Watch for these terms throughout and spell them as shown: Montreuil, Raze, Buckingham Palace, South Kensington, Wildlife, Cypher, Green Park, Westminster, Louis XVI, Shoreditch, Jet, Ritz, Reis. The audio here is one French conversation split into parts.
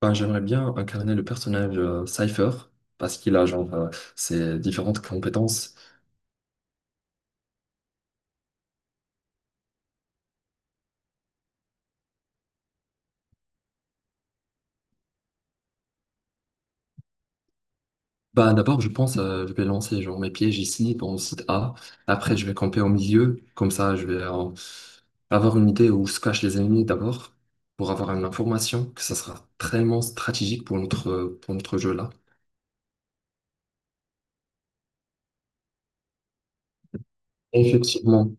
Ben, j'aimerais bien incarner le personnage Cypher parce qu'il a ses différentes compétences. Ben, d'abord, je pense je vais lancer genre mes pièges ici dans le site A. Après, je vais camper au milieu. Comme ça, je vais avoir une idée où se cachent les ennemis d'abord pour avoir une information que ça sera vraiment stratégique pour pour notre jeu là. Effectivement.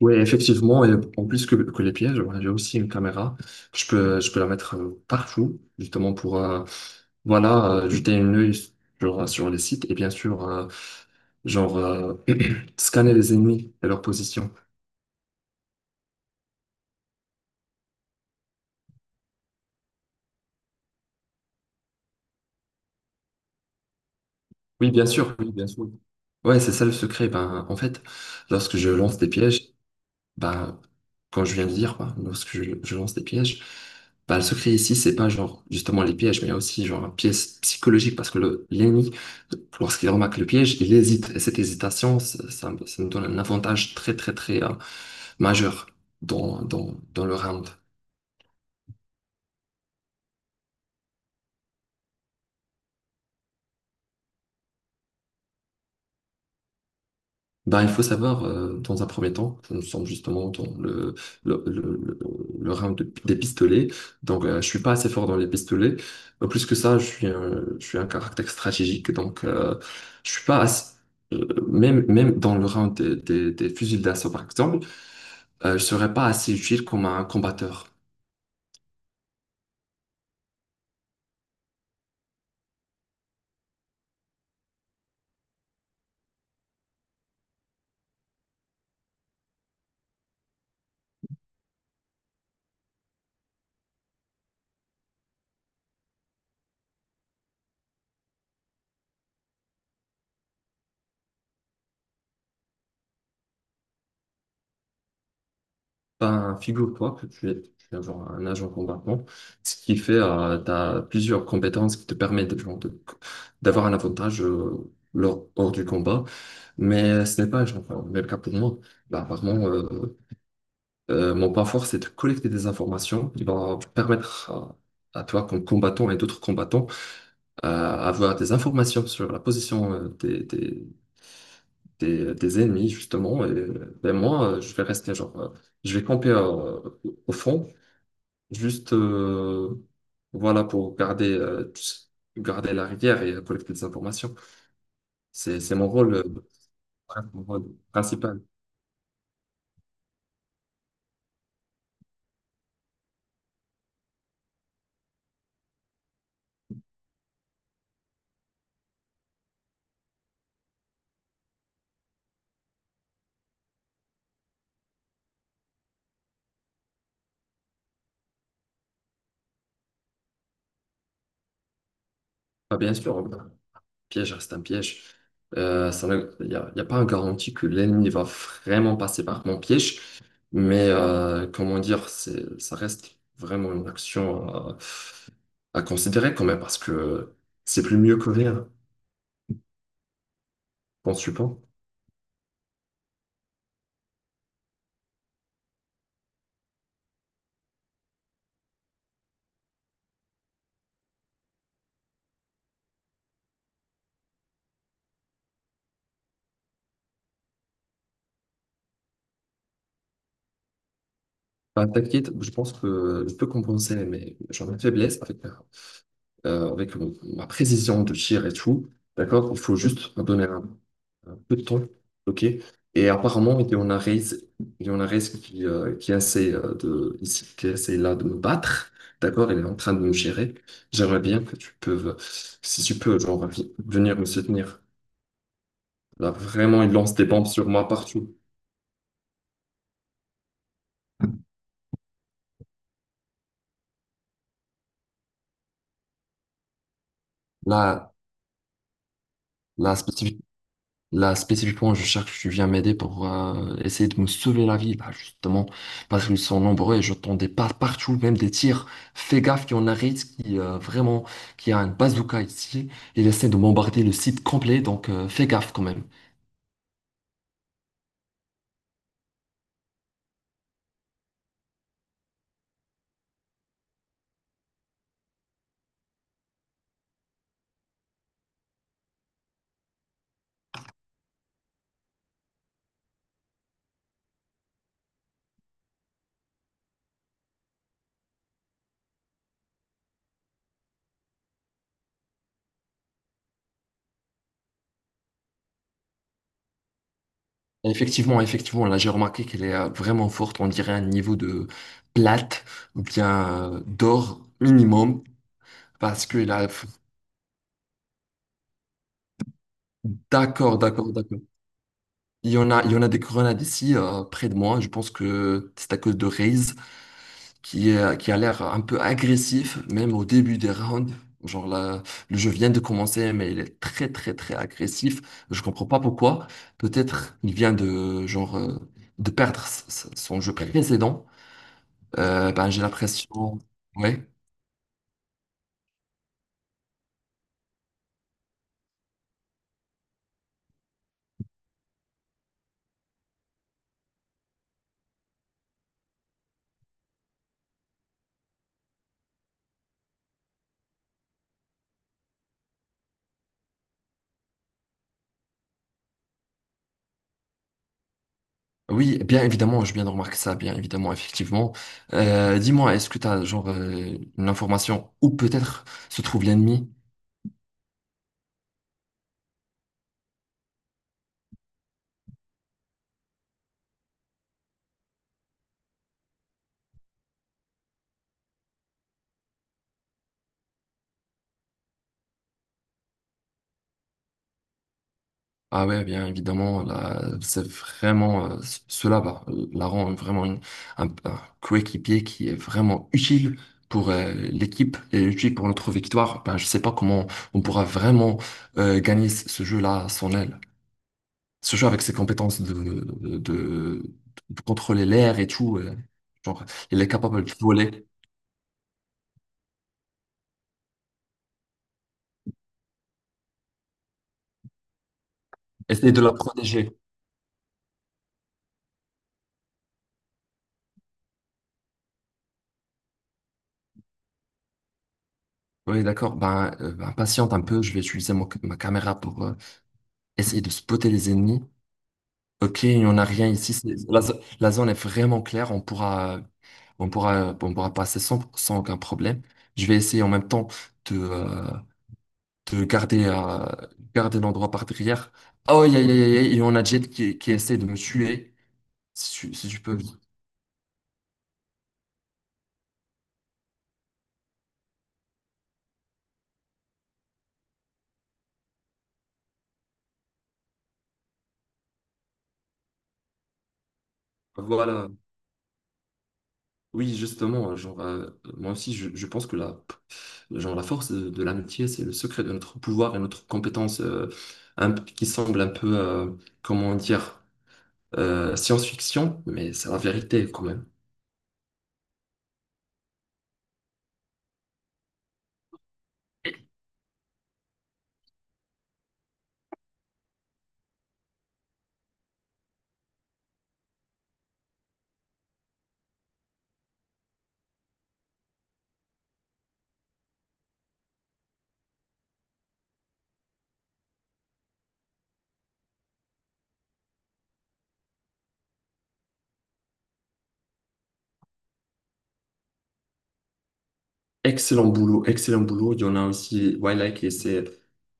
Oui, effectivement, et en plus que les pièges, voilà, j'ai aussi une caméra. Je peux la mettre partout, justement pour voilà, jeter un œil sur les sites et bien sûr, genre, euh, scanner les ennemis et leur position. Oui, bien sûr, oui, bien sûr. Ouais, c'est ça le secret. Ben, en fait, lorsque je lance des pièges, bah, quand je viens de dire, quoi, lorsque je lance des pièges, bah, le secret ici, c'est pas genre justement les pièges, mais il y a aussi genre un piège psychologique parce que l'ennemi, lorsqu'il remarque le piège, il hésite. Et cette hésitation, ça nous donne un avantage très majeur dans le round. Ben il faut savoir, dans un premier temps, ça nous sommes justement dans le, le, le- le round des pistolets. Donc, je suis pas assez fort dans les pistolets. Plus que ça, je suis un caractère stratégique. Donc, je suis pas assez- même dans le round des fusils d'assaut, par exemple, je serais pas assez utile comme un combatteur. Ben, figure-toi que tu es genre un agent combattant, ce qui fait tu plusieurs compétences qui te permettent d'avoir un avantage lors, hors du combat, mais ce n'est pas le même cas pour moi. Bah, vraiment, mon point fort, c'est de collecter des informations qui vont permettre à toi, comme combattant et d'autres combattants, avoir des informations sur la position des ennemis, justement. Et, ben, moi, je vais rester je vais camper au fond. Juste, voilà, pour garder, tu sais, garder la rivière et collecter des informations. C'est mon rôle, ouais, mon rôle principal. Bah, bien sûr, un piège reste un piège. Ça ne- Il n'y a, il y a pas une garantie que l'ennemi va vraiment passer par mon piège, mais comment dire, c'est, ça reste vraiment une action à considérer quand même, parce que c'est plus mieux que rien, penses-tu pas? Bah, t'inquiète, je pense que je peux compenser mes, genre, mes faiblesses avec ma précision de tir et tout, d'accord? Il faut juste me donner un peu de temps, ok? Et apparemment, il y en a Reis qui essaie qui essaie là de me battre, d'accord? Il est en train de me gérer. J'aimerais bien que tu peux, si tu peux, venir me soutenir. Là, vraiment, il lance des bombes sur moi partout. Là, là, Là, spécifiquement, je cherche, que tu viens m'aider pour essayer de me sauver la vie, là, justement, parce qu'ils sont nombreux et j'entendais pas partout, même des tirs. Fais gaffe, il y en a Ritz qui, vraiment, qui a un bazooka ici. Il essaie de bombarder le site complet, donc fais gaffe quand même. Et effectivement, effectivement, là, j'ai remarqué qu'elle est vraiment forte. On dirait un niveau de plate ou bien d'or minimum, parce que là, f- D'accord, d'accord, d'accord. Il y en a des grenades ici, près de moi. Je pense que c'est à cause de Raze, qui qui a l'air un peu agressif, même au début des rounds. Genre là, le jeu vient de commencer, mais il est très très très agressif. Je comprends pas pourquoi. Peut-être il vient de de perdre son jeu précédent. Ben j'ai l'impression. Ouais. Oui, bien évidemment, je viens de remarquer ça, bien évidemment, effectivement. Dis-moi, est-ce que tu as une information où peut-être se trouve l'ennemi? Ah ouais, bien évidemment, là, c'est vraiment cela va la rend vraiment un coéquipier qui est vraiment utile pour l'équipe et utile pour notre victoire. Ben, je sais pas comment on pourra vraiment gagner ce jeu-là à son aile. Ce jeu avec ses compétences de, de- de contrôler l'air et tout, genre, il est capable de voler, essayer de la protéger. Oui, d'accord. Ben, patiente un peu, je vais utiliser ma caméra pour essayer de spotter les ennemis. Ok, il n'y en a rien ici. La zone est vraiment claire. On pourra passer sans aucun problème. Je vais essayer en même temps de, euh, de garder, garder l'endroit par derrière. Oh, aïe, aïe, aïe, aïe, aïe, il y en a Jet qui essaie de me tuer. Si tu peux. Voilà. Oui, justement, moi aussi, je pense que la force de l'amitié, c'est le secret de notre pouvoir et notre compétence qui semble un peu, comment dire, science-fiction, mais c'est la vérité quand même. Excellent boulot, excellent boulot. Il y en a aussi Wildlife qui essaie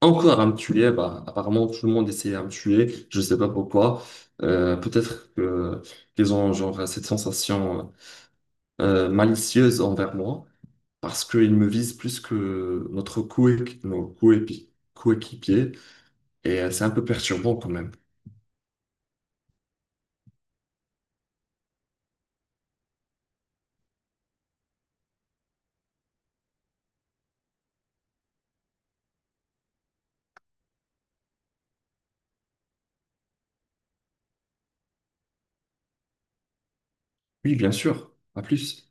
encore à me tuer. Bah, apparemment, tout le monde essayait à me tuer. Je sais pas pourquoi. Peut-être que qu'ils ont genre cette sensation malicieuse envers moi parce qu'ils me visent plus que nos coéquipiers. Et c'est un peu perturbant quand même. Oui, bien sûr. À plus.